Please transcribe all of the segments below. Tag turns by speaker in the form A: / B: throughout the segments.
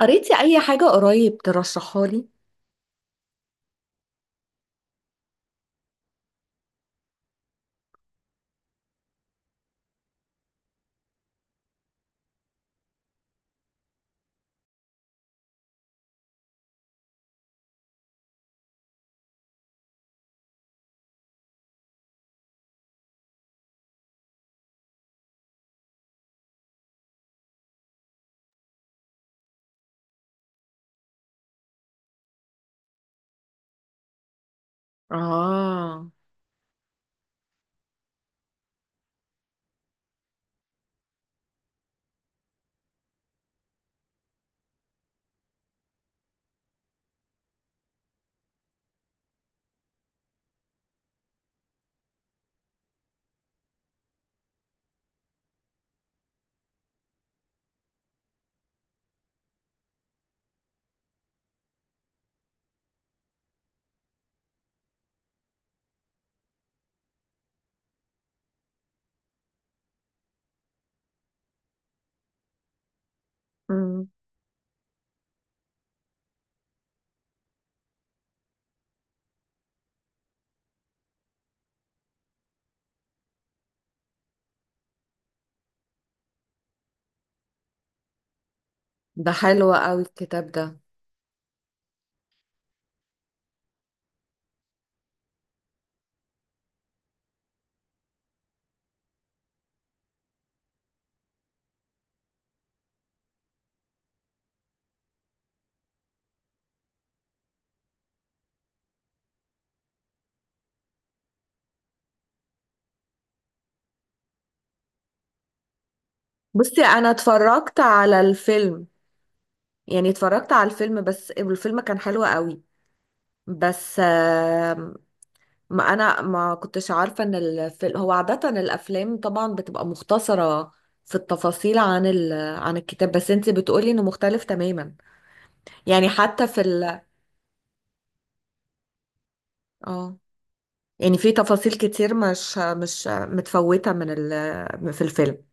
A: قريتي اي حاجة قريب ترشحها لي؟ اه. مم. ده حلو قوي الكتاب ده. بصي انا اتفرجت على الفيلم، يعني اتفرجت على الفيلم بس الفيلم كان حلو قوي. بس ما انا ما كنتش عارفة ان الفيلم هو عادة الافلام طبعا بتبقى مختصرة في التفاصيل عن عن الكتاب، بس انت بتقولي انه مختلف تماما، يعني حتى في اه، يعني في تفاصيل كتير مش متفوتة من في الفيلم.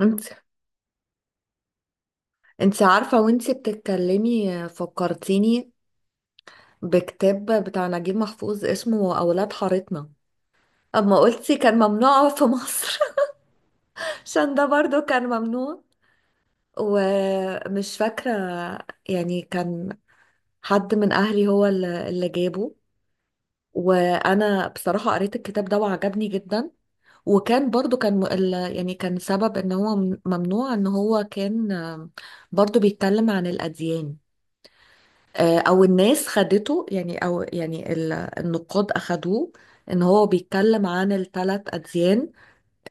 A: انت انت عارفة وانت بتتكلمي فكرتيني بكتاب بتاع نجيب محفوظ اسمه أولاد حارتنا، اما قلتي كان ممنوع في مصر. عشان ده برضو كان ممنوع، ومش فاكرة، يعني كان حد من أهلي هو اللي جابه. وأنا بصراحة قريت الكتاب ده وعجبني جدا. وكان برضو كان يعني كان سبب ان هو ممنوع ان هو كان برضو بيتكلم عن الأديان. او الناس خدته، يعني او يعني النقاد اخدوه ان هو بيتكلم عن الثلاث اديان،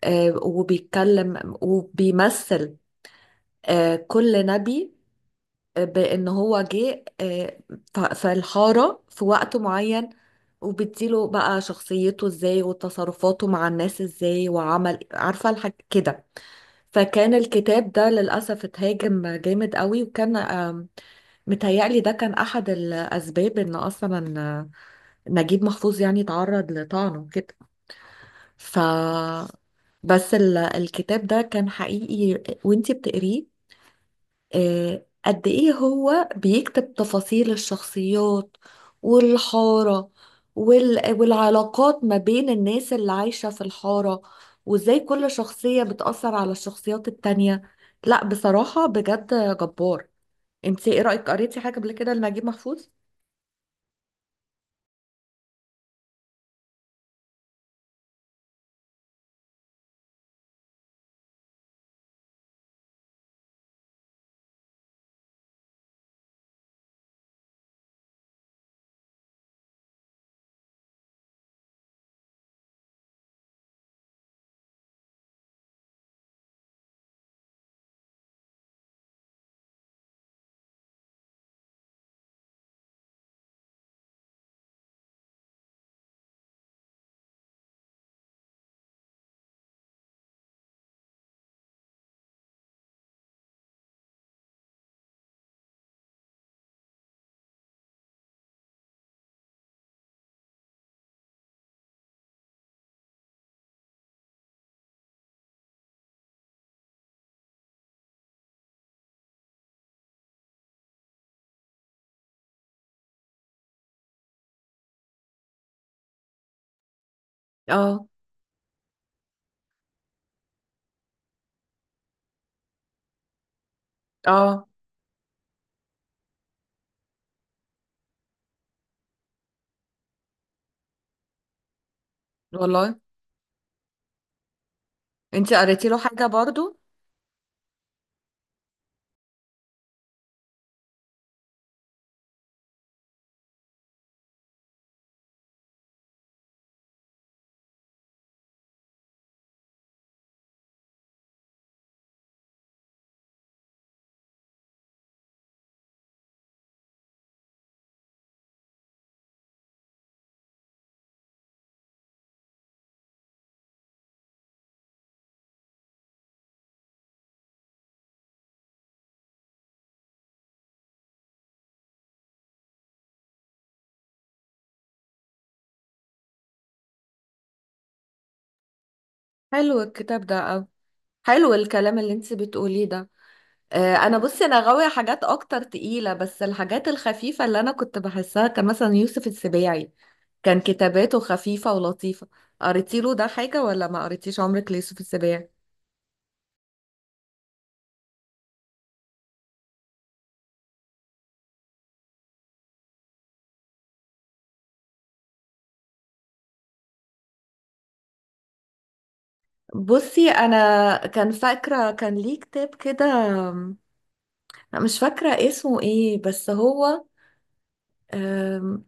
A: وبيتكلم وبيمثل كل نبي، بان هو جه في الحاره في وقت معين، وبتديله بقى شخصيته ازاي وتصرفاته مع الناس ازاي وعمل عارفه الحاج كده. فكان الكتاب ده للأسف اتهاجم جامد قوي، وكان متهيألي ده كان أحد الأسباب إن أصلا نجيب محفوظ يعني تعرض لطعنه كده. ف بس الكتاب ده كان حقيقي وانتي بتقريه، قد ايه هو بيكتب تفاصيل الشخصيات والحارة والعلاقات ما بين الناس اللي عايشة في الحارة، وازاي كل شخصية بتأثر على الشخصيات التانية. لا بصراحة بجد جبار. انت ايه رأيك، قريتي حاجة قبل كده لنجيب محفوظ؟ اه اه. والله انت قريتي له حاجة برضو؟ حلو الكتاب ده أوي، حلو الكلام اللي انت بتقوليه ده. انا بصي انا غاويه حاجات اكتر تقيله، بس الحاجات الخفيفه اللي انا كنت بحسها كان مثلا يوسف السباعي، كان كتاباته خفيفه ولطيفه. قريتي له ده حاجه ولا ما قريتيش عمرك ليوسف السباعي؟ بصي انا كان فاكره كان ليه كتاب كده، أم، مش فاكره اسمه ايه، بس هو أم،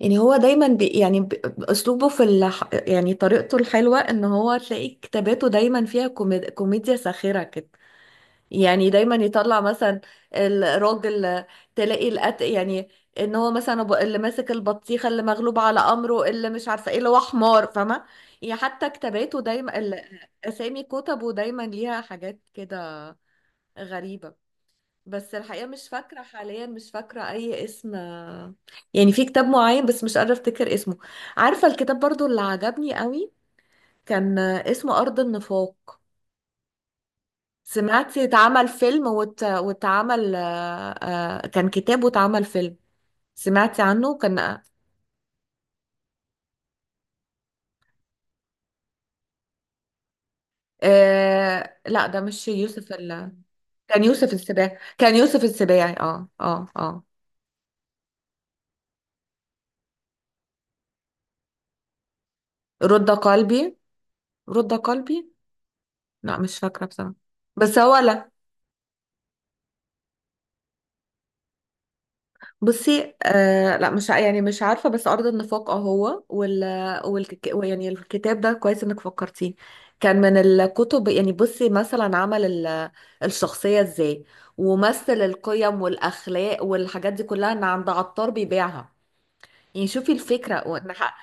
A: يعني هو دايما بي يعني اسلوبه في يعني طريقته الحلوه ان هو تلاقي كتاباته دايما فيها كوميديا ساخره كده. يعني دايما يطلع مثلا الراجل، تلاقي يعني ان هو مثلا اللي ماسك البطيخه، اللي مغلوب على امره، اللي مش عارفه ايه، اللي هو حمار، فاهمه؟ يعني حتى كتاباته دايما اسامي كتبه دايما ليها حاجات كده غريبه. بس الحقيقه مش فاكره حاليا، مش فاكره اي اسم، يعني في كتاب معين بس مش قادره افتكر اسمه. عارفه الكتاب برضو اللي عجبني قوي، كان اسمه ارض النفاق. سمعتي اتعمل فيلم واتعمل كان كتاب واتعمل فيلم. سمعتي عنه؟ كان لا ده مش يوسف كان يوسف السباعي، كان يوسف السباعي، اه اه اه. رد قلبي، رد قلبي. لا مش فاكرة بصراحة. بس هو لا، بصي آه لا مش يعني مش عارفة، بس أرض النفاق اهو، والك يعني الكتاب ده كويس إنك فكرتيه. كان من الكتب، يعني بصي مثلا عمل الشخصية إزاي، ومثل القيم والأخلاق والحاجات دي كلها إن عند عطار بيبيعها. يعني شوفي الفكرة، وان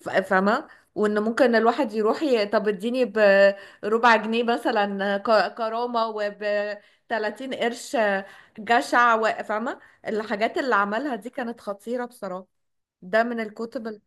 A: فاهمة؟ وان ممكن الواحد يروح طب اديني بربع جنيه مثلا كرامة، وب 30 قرش جشع، فاهمة؟ الحاجات اللي عملها دي كانت خطيرة بصراحة، ده من الكتب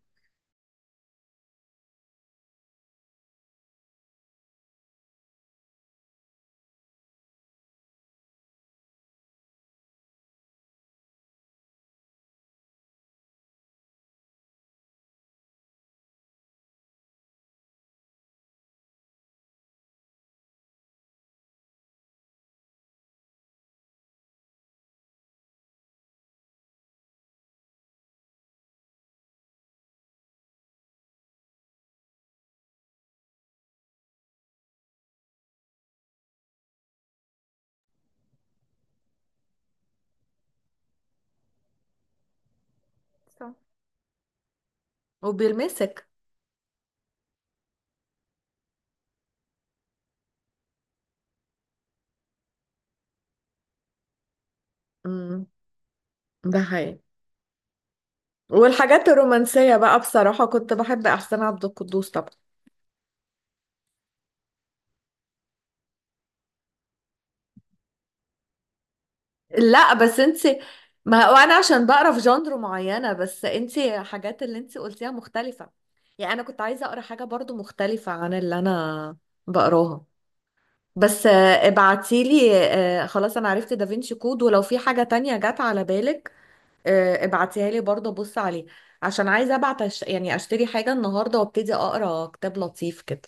A: وبيلمسك. امم، ده حقيقي. والحاجات الرومانسية بقى بصراحة كنت بحب أحسن عبد القدوس طبعا. لا بس انت، ما هو انا عشان بقرا في جانر معينه، بس انت حاجات اللي انت قلتيها مختلفه، يعني انا كنت عايزه اقرا حاجه برضو مختلفه عن اللي انا بقراها. بس ابعتيلي، خلاص انا عرفت دافينشي كود، ولو في حاجه تانية جت على بالك ابعتيها لي برضو ابص عليه، عشان عايزه ابعت يعني اشتري حاجه النهارده وابتدي اقرا كتاب لطيف كده.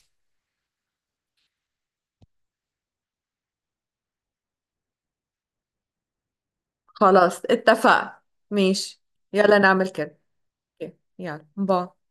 A: خلاص اتفقنا. ماشي. يلا نعمل كده. أوكي، يلا باي.